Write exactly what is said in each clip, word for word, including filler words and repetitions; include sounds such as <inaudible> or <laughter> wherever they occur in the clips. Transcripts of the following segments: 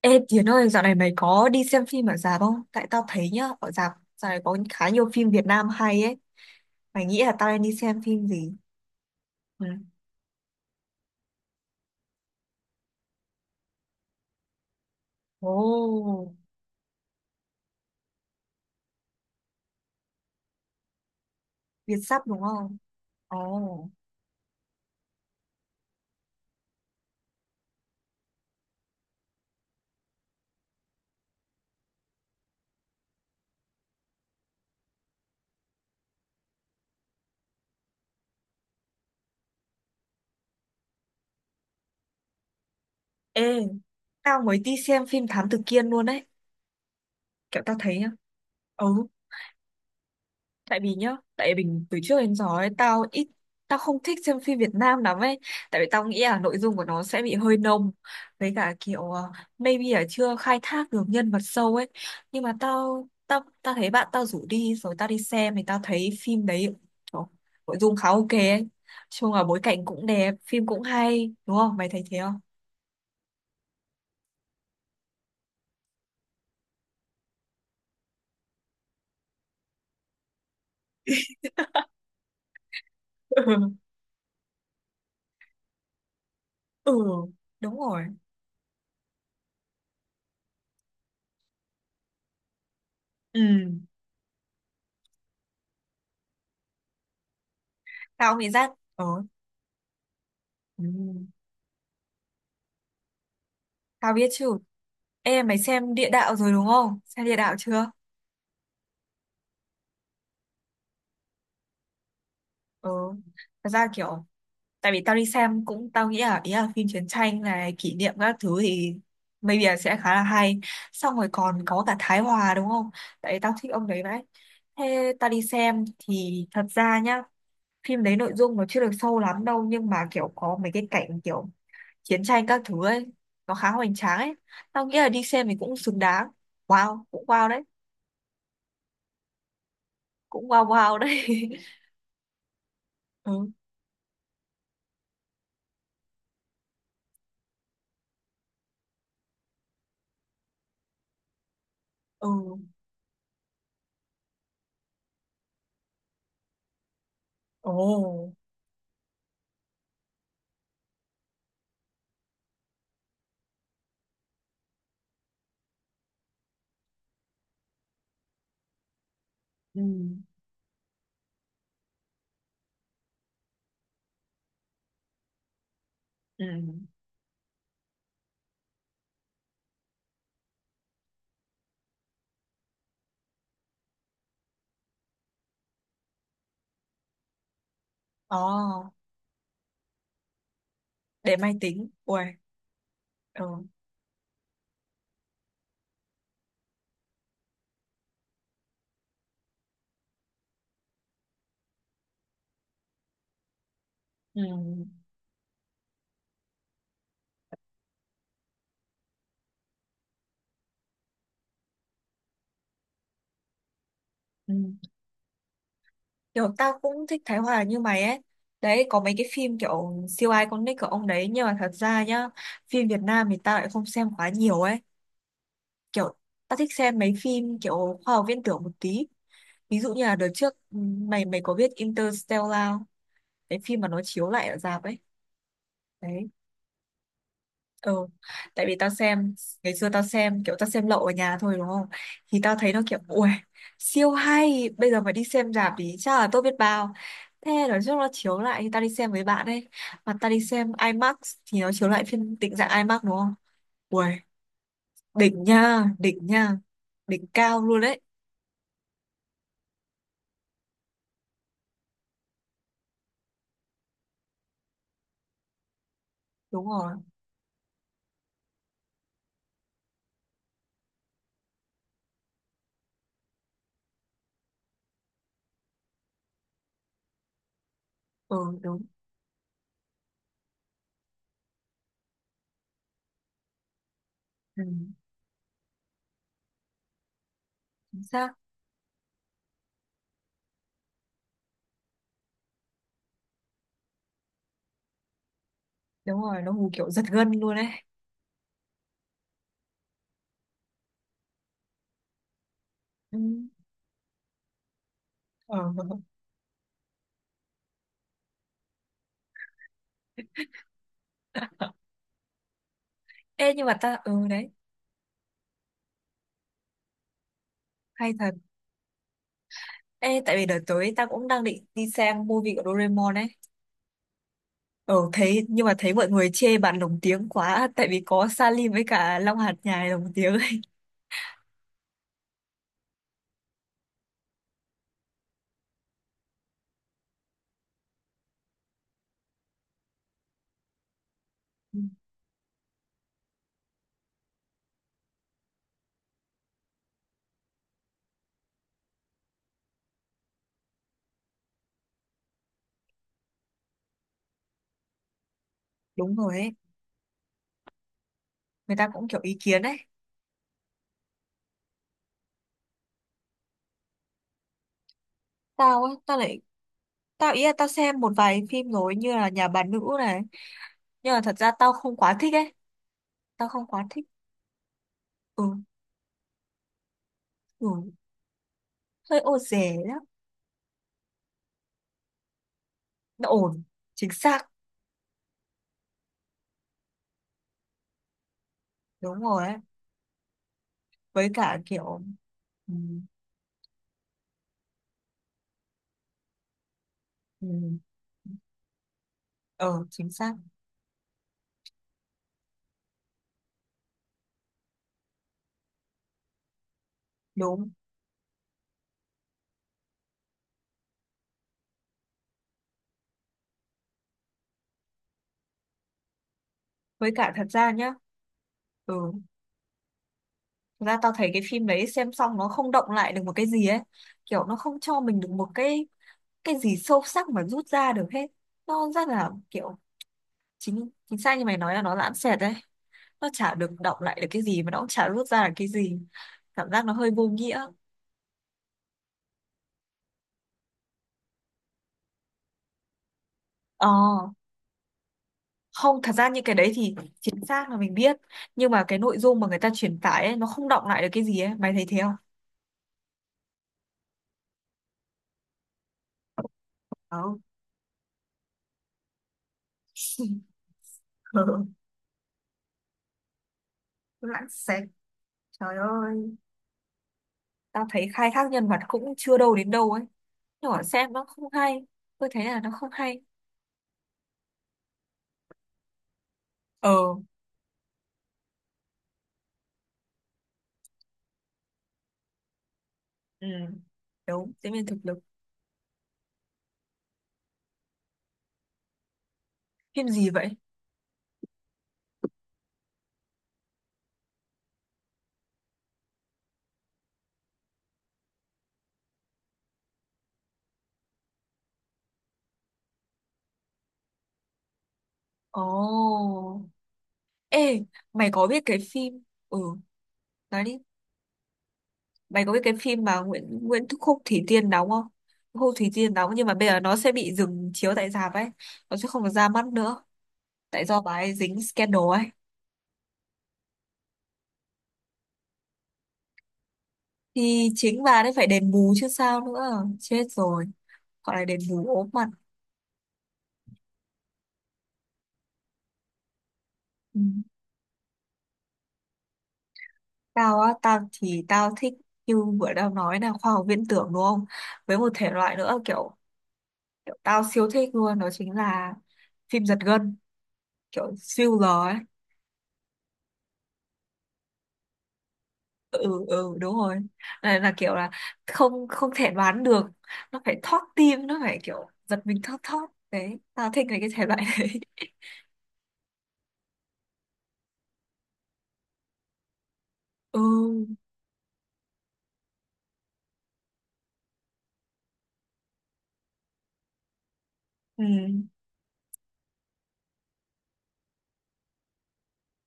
Ê Tiến ơi, dạo này mày có đi xem phim ở rạp không? Tại tao thấy nhá, ở rạp dạo này có khá nhiều phim Việt Nam hay ấy. Mày nghĩ là tao nên đi xem phim gì? Ừ. Ồ, Việt sắp đúng không? Ồ. Ê, tao mới đi xem phim Thám Tử Kiên luôn đấy. Kiểu tao thấy nhá. Ừ, tại vì nhá tại vì mình từ trước đến giờ ấy tao ít tao không thích xem phim Việt Nam lắm ấy, tại vì tao nghĩ là nội dung của nó sẽ bị hơi nông, với cả kiểu ờ, maybe là chưa khai thác được nhân vật sâu ấy. Nhưng mà tao tao tao thấy bạn tao rủ đi rồi tao đi xem thì tao thấy phim đấy, trời, nội dung khá ok ấy. Chung là bối cảnh cũng đẹp, phim cũng hay, đúng không, mày thấy thế không? <laughs> Ừ, đúng rồi. Ừ, tao nghĩ giác, ờ, ừ. Tao biết chứ. Ê, mày xem địa đạo rồi đúng không? Xem địa đạo chưa? Ừ. Thật ra kiểu, tại vì tao đi xem cũng tao nghĩ là ý là phim chiến tranh này kỷ niệm các thứ thì maybe là sẽ khá là hay. Xong rồi còn có cả Thái Hòa đúng không? Tại vì tao thích ông đấy vậy. Thế tao đi xem thì thật ra nhá, phim đấy nội dung nó chưa được sâu lắm đâu, nhưng mà kiểu có mấy cái cảnh kiểu chiến tranh các thứ ấy, nó khá hoành tráng ấy. Tao nghĩ là đi xem thì cũng xứng đáng. Wow, cũng wow đấy, cũng wow wow đấy. <laughs> Ừ. Ừ. Ồ. Ừ. Ừ. Ồ. Để máy tính. Ui. Ừ. Ừ. Ừ. Kiểu tao cũng thích Thái Hòa như mày ấy. Đấy, có mấy cái phim kiểu siêu ai con nick của ông đấy. Nhưng mà thật ra nhá, phim Việt Nam thì tao lại không xem quá nhiều ấy. Kiểu tao thích xem mấy phim kiểu khoa học viễn tưởng một tí. Ví dụ như là đợt trước, ừ, mày mày có biết Interstellar, cái phim mà nó chiếu lại ở rạp ấy. Đấy. Ừ. Tại vì tao xem, ngày xưa tao xem kiểu tao xem lậu ở nhà thôi đúng không? Thì tao thấy nó kiểu ui siêu hay, bây giờ mà đi xem rạp thì chắc là tốt biết bao. Thế nói chung nó chiếu lại thì tao đi xem với bạn ấy. Mà tao đi xem IMAX thì nó chiếu lại phiên định dạng IMAX đúng không? Ui, đỉnh nha, đỉnh nha, đỉnh cao luôn đấy. Đúng rồi. Ừ đúng. Ừ, chính xác. Đúng rồi, nó hù kiểu giật gân luôn đấy. Ừ. Ừ. <laughs> Ê nhưng mà ta, ừ đấy, hay thật. Ê, tại vì đợt tới ta cũng đang định đi xem movie của Doraemon ấy. Ờ, thấy, nhưng mà thấy mọi người chê bạn lồng tiếng quá, tại vì có Salim với cả Long Hạt Nhài lồng tiếng ấy. Ừ. Đúng rồi ấy, người ta cũng kiểu ý kiến ấy. Tao á, tao lại, tao ý là tao xem một vài phim rồi như là Nhà bà nữ này, nhưng mà thật ra tao không quá thích ấy, tao không quá thích. Ừ, ừ, hơi ô dề lắm, nó ổn, chính xác, đúng rồi ấy. Với cả kiểu, ừ, ừ, ừ, ờ, chính xác, đúng. Với cả thật ra nhá, ừ, thực ra tao thấy cái phim đấy xem xong nó không động lại được một cái gì ấy, kiểu nó không cho mình được một cái cái gì sâu sắc mà rút ra được hết. Nó rất là kiểu chính chính xác như mày nói là nó lãng xẹt đấy, nó chả được động lại được cái gì mà nó cũng chả rút ra được cái gì, cảm giác nó hơi vô nghĩa. Ờ, không, thật ra những cái đấy thì chính xác là mình biết, nhưng mà cái nội dung mà người ta truyền tải ấy nó không động lại được cái gì ấy, mày thấy thế không? Không. <laughs> Ừ, lãng xẹt. Trời ơi. Tao thấy khai thác nhân vật cũng chưa đâu đến đâu ấy, nhỏ xem nó không hay, tôi thấy là nó không hay. Ờ, ừ, đúng, diễn viên thực lực. Phim gì vậy? Ồ. Ê, mày có biết cái phim, ừ, nói đi, mày có biết cái phim mà Nguyễn Nguyễn Khúc Thủy Tiên đóng không? Khúc Thủy Tiên đóng nhưng mà bây giờ nó sẽ bị dừng chiếu tại rạp ấy, nó sẽ không được ra mắt nữa, tại do bà ấy dính scandal ấy. Thì chính bà ấy phải đền bù chứ sao nữa, chết rồi. Gọi là đền bù ốm mặt. Ừ. Tao á, tao thì tao thích, như vừa tao nói là khoa học viễn tưởng đúng không? Với một thể loại nữa kiểu, kiểu tao siêu thích luôn đó chính là phim giật gân, kiểu thriller ấy. Ừ ừ đúng rồi. Là, là kiểu là không, không thể đoán được, nó phải thót tim, nó phải kiểu giật mình thót thót. Đấy, tao thích cái cái thể loại đấy. <laughs> Ừ, ừ,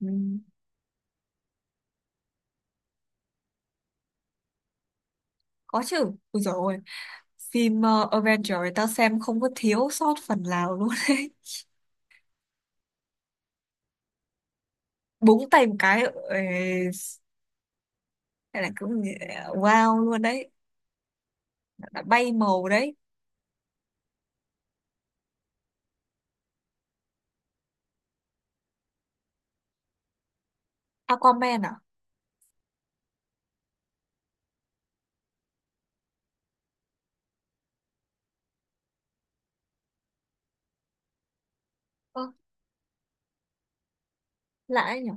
ừ. Có chứ. Ui dồi ôi. Phim ờ, Avengers tao xem không có thiếu sót phần nào luôn <laughs> đấy. Búng tay một cái. Ê, đây là cũng wow luôn đấy. Đã bay màu đấy. Aquaman à? Ơ, lạ đấy nhở?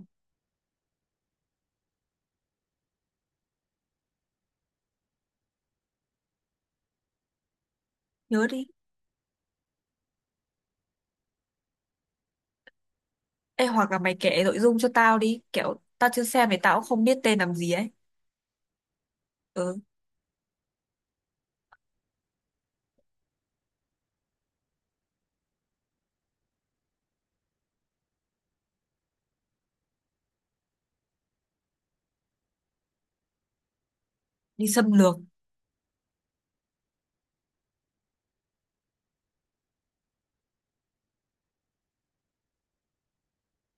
Nhớ đi. Ê, hoặc là mày kể nội dung cho tao đi. Kiểu tao chưa xem thì tao cũng không biết tên làm gì ấy. Ừ, đi xâm lược.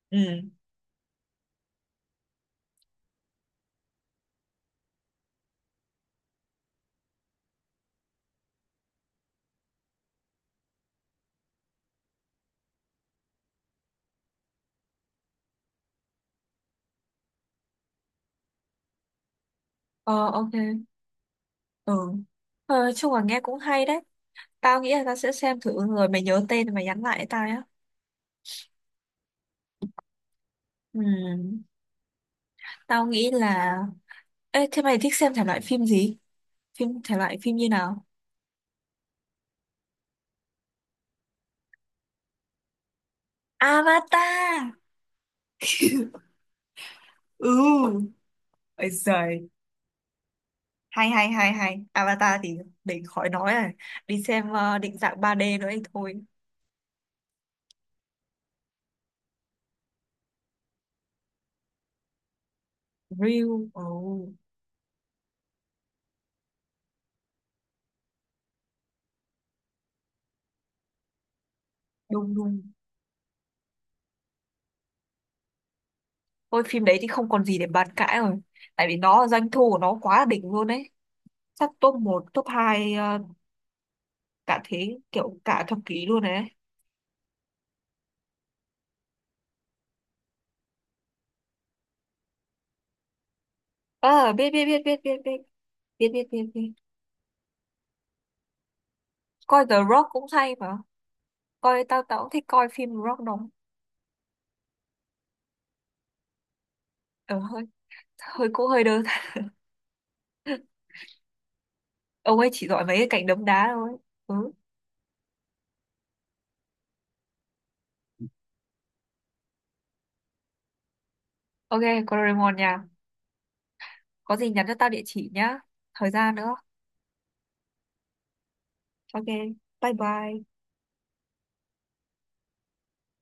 Ừ. Ờ, ok. Ừ. Ờ, chung là nghe cũng hay đấy. Tao nghĩ là tao sẽ xem thử rồi mày nhớ tên mày nhắn lại cho tao nhá. Ừ. Tao nghĩ là... Ê, thế mày thích xem thể loại phim gì? Phim thể loại phim như nào? Avatar. Ừ. Ôi giời, hay hay hay hay, Avatar thì để khỏi nói rồi, đi xem ờ, định dạng ba d nữa thì thôi. Real, oh, đúng đúng. Thôi phim đấy thì không còn gì để bàn cãi rồi, tại vì nó doanh thu của nó quá đỉnh luôn đấy, chắc top một top hai, ờ, cả thế kiểu cả thập kỷ luôn đấy. Ờ, biết biết biết biết biết biết, biết biết biết biết. Coi The Rock cũng hay mà, coi tao tao cũng thích coi phim The Rock đó. Ờ, hơi, hơi cũng hơi đơn. <laughs> Ông ấy chỉ giỏi mấy cái cảnh đấm đá thôi. Ừ. Ok. Doraemon nha. Có gì nhắn cho tao địa chỉ nhá. Thời gian nữa. Ok. Bye bye.